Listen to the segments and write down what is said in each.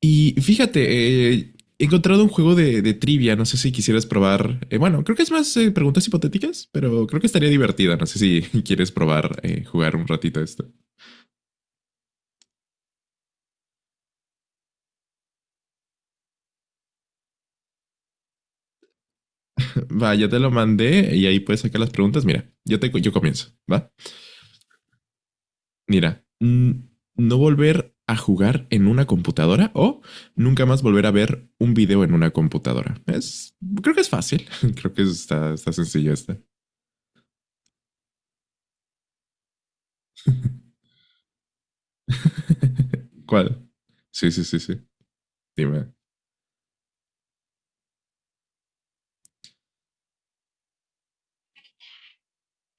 Y fíjate, he encontrado un juego de trivia, no sé si quisieras probar. Bueno, creo que es más preguntas hipotéticas, pero creo que estaría divertida. No sé si quieres probar jugar un ratito a esto. Va, ya te lo mandé y ahí puedes sacar las preguntas. Mira, yo comienzo, ¿va? Mira, no volver a jugar en una computadora o nunca más volver a ver un video en una computadora. Creo que es fácil. Creo que está sencillo esta. ¿Cuál? Sí, sí, sí, sí. Dime.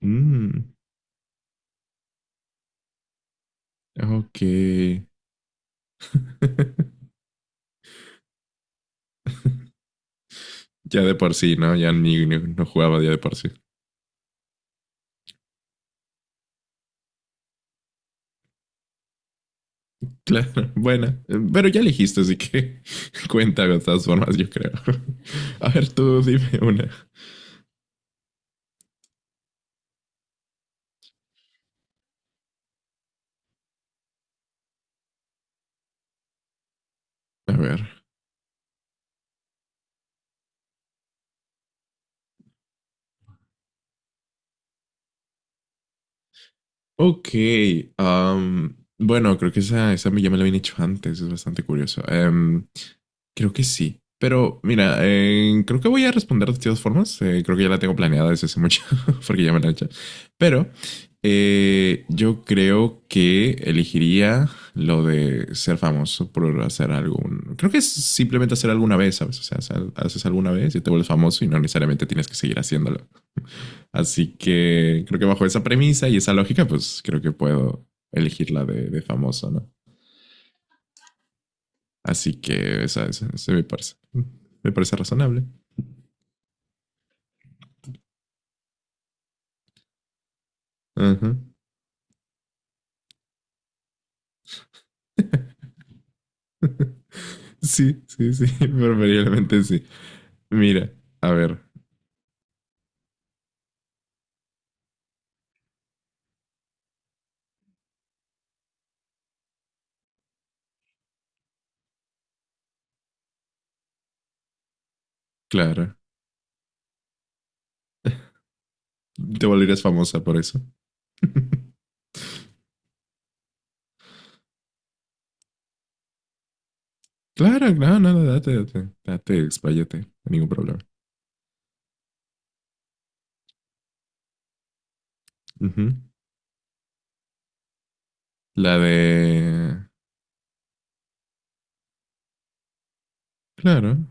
Mm. Ok. Ya de por sí, ¿no? Ya no jugaba ya de por sí. Claro, bueno, pero ya elegiste, así que cuenta de todas formas, yo creo. A ver, tú dime una. A ver. Ok. Bueno, creo que esa ya me la habían hecho antes, es bastante curioso. Creo que sí. Pero mira, creo que voy a responder de todas formas. Creo que ya la tengo planeada desde hace mucho, porque ya me la he hecho. Pero yo creo que elegiría lo de ser famoso por hacer algún. Creo que es simplemente hacer alguna vez, ¿sabes? O sea, haces alguna vez y te vuelves famoso y no necesariamente tienes que seguir haciéndolo. Así que creo que bajo esa premisa y esa lógica, pues creo que puedo elegir la de famoso, ¿no? Así que esa me parece. Me parece razonable. Ajá. Sí, sí, sí, preferiblemente sí. Mira, a ver, Clara, te volverías famosa por eso. Claro, no, no, no, date, expláyate, no hay ningún problema. Ujú. La de... Claro.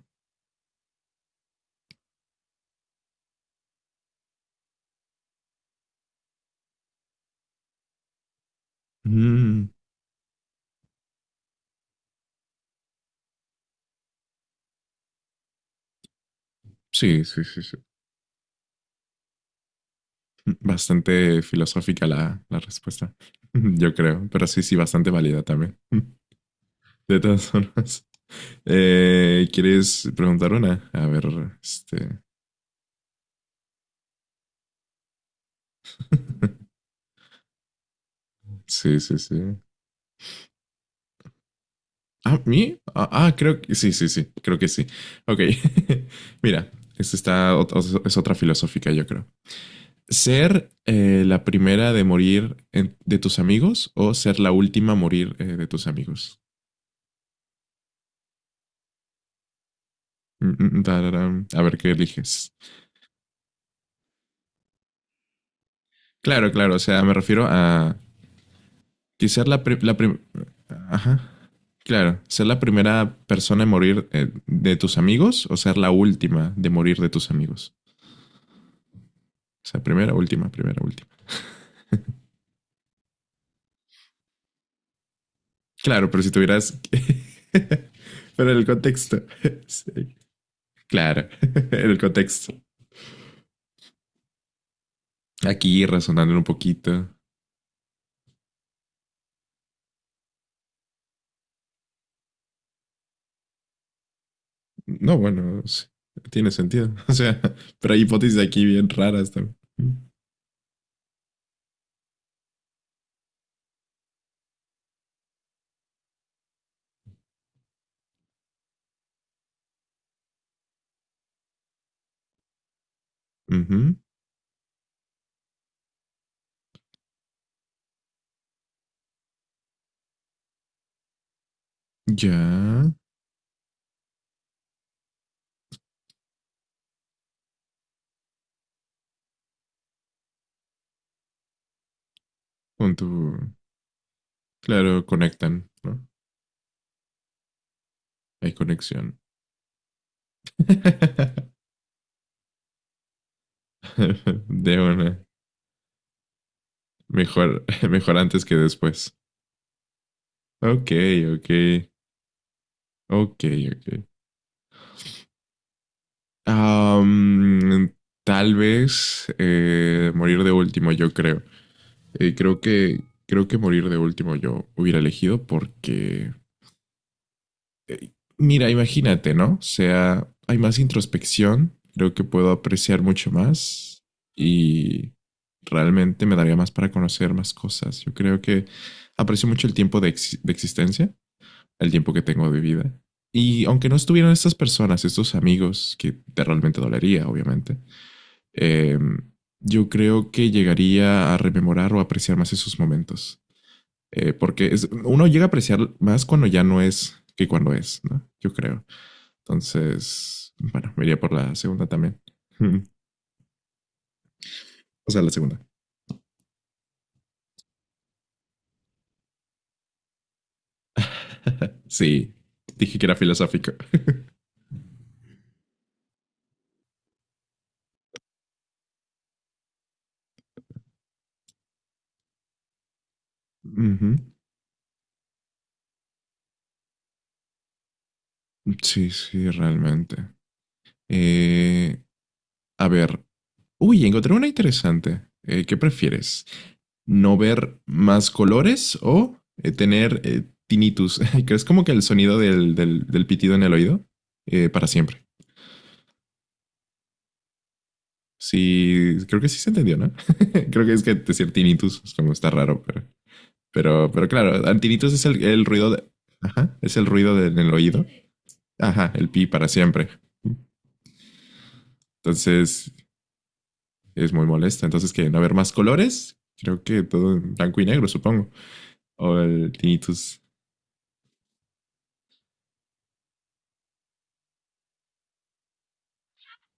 Mm, sí, sí, sí, sí. Bastante filosófica la respuesta, yo creo, pero sí, sí, bastante válida también. De todas formas, ¿quieres preguntar una? A ver, este... Sí, sí, sí. ¿A mí? Ah, ah, creo que sí, sí, sí, creo que sí. Ok, mira, esta está, es otra filosófica, yo creo. ¿Ser la primera de morir de tus amigos o ser la última a morir de tus amigos? Mm, mm, mm, tararán. A ver qué eliges. Claro, claro, o sea, me refiero a que ser la, Ajá. Claro, ser la primera persona en morir de tus amigos o ser la última de morir de tus amigos. O sea, primera, última, primera, última. Claro, pero si tuvieras... pero en el contexto. Sí, claro, en el contexto. Aquí razonando un poquito. No, bueno, sí, tiene sentido. O sea, pero hay hipótesis aquí bien raras también. Ujú. Ya, con tu... Claro, conectan, ¿no? Hay conexión. De una. Mejor, mejor antes que después. Ok, ok, ok, ok. Am, Tal vez morir de último, yo creo. Eh, creo que morir de último yo hubiera elegido porque, mira, imagínate, ¿no? O sea, hay más introspección, creo que puedo apreciar mucho más y realmente me daría más para conocer más cosas. Yo creo que aprecio mucho el tiempo de existencia, el tiempo que tengo de vida. Y aunque no estuvieran estas personas, estos amigos, que te realmente dolería, obviamente, eh, yo creo que llegaría a rememorar o apreciar más esos momentos. Porque es, uno llega a apreciar más cuando ya no es que cuando es, ¿no? Yo creo. Entonces, bueno, me iría por la segunda también. O sea, la segunda. Sí, dije que era filosófico. uh -huh. Sí, sí, realmente. Eh, a ver, uy, encontré una interesante. ¿Qué prefieres? No ver más colores o tener tinnitus. ¿Crees como que el sonido del pitido en el oído? Para siempre. Sí, creo que sí se entendió, ¿no? Creo que es que decir tinnitus es como está raro, pero claro, ah, tinnitus es el ruido de, ajá, es el ruido del en el oído. Ajá, el pi para siempre. Entonces es muy molesta. Entonces que no haber más colores, creo que todo en blanco y negro, supongo. O el tinnitus.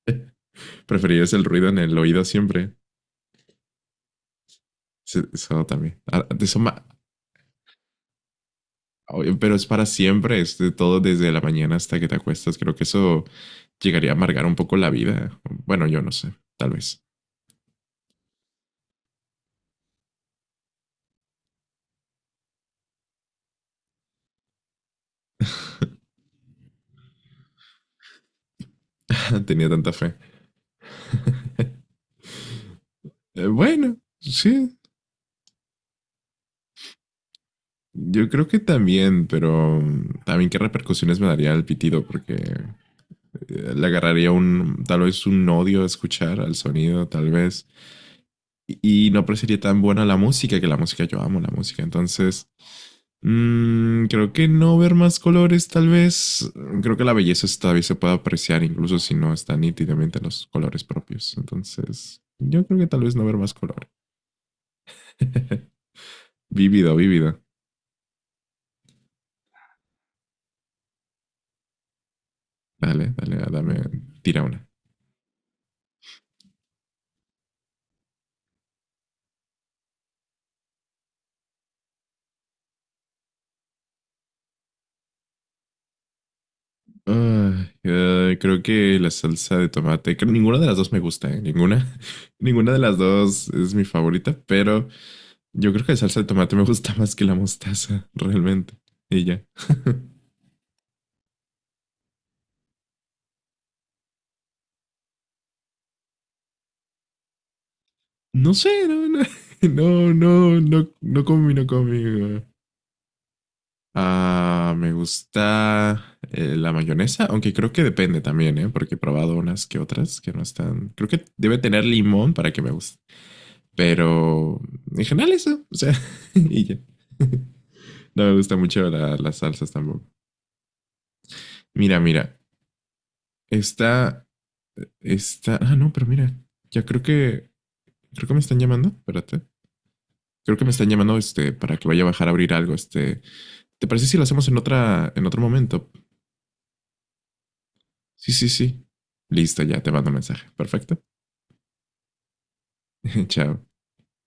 Preferirías el ruido en el oído siempre. Sí, eso también. Ah, de eso oye, pero es para siempre, es de todo desde la mañana hasta que te acuestas. Creo que eso llegaría a amargar un poco la vida. Bueno, yo no sé, tal vez. Tenía tanta fe. Bueno, sí, yo creo que también, pero también qué repercusiones me daría el pitido, porque le agarraría un, tal vez un odio a escuchar al sonido, tal vez. Y no parecería tan buena la música, que la música yo amo la música, entonces creo que no ver más colores, tal vez. Creo que la belleza todavía se puede apreciar, incluso si no están nítidamente los colores propios. Entonces, yo creo que tal vez no ver más color. Vívido, vívido. Dame, tira una. Ah, creo que la salsa de tomate, ninguna de las dos me gusta, ¿eh? Ninguna, ninguna de las dos es mi favorita, pero yo creo que la salsa de tomate me gusta más que la mostaza, realmente. Y ya. No sé, no, no, no, no, no, no combino conmigo. Ah, me gusta la mayonesa, aunque creo que depende también, ¿eh? Porque he probado unas que otras que no están. Creo que debe tener limón para que me guste. Pero en general eso, o sea, y ya. No me gusta mucho las salsas tampoco. Mira, mira, esta, esta. Ah, no, pero mira, ya creo que me están llamando. Espérate. Creo que me están llamando, este, para que vaya a bajar a abrir algo, este. ¿Te parece si lo hacemos en, en otro momento? Sí, sí, sí. Listo, ya te mando un mensaje. Perfecto. Chao.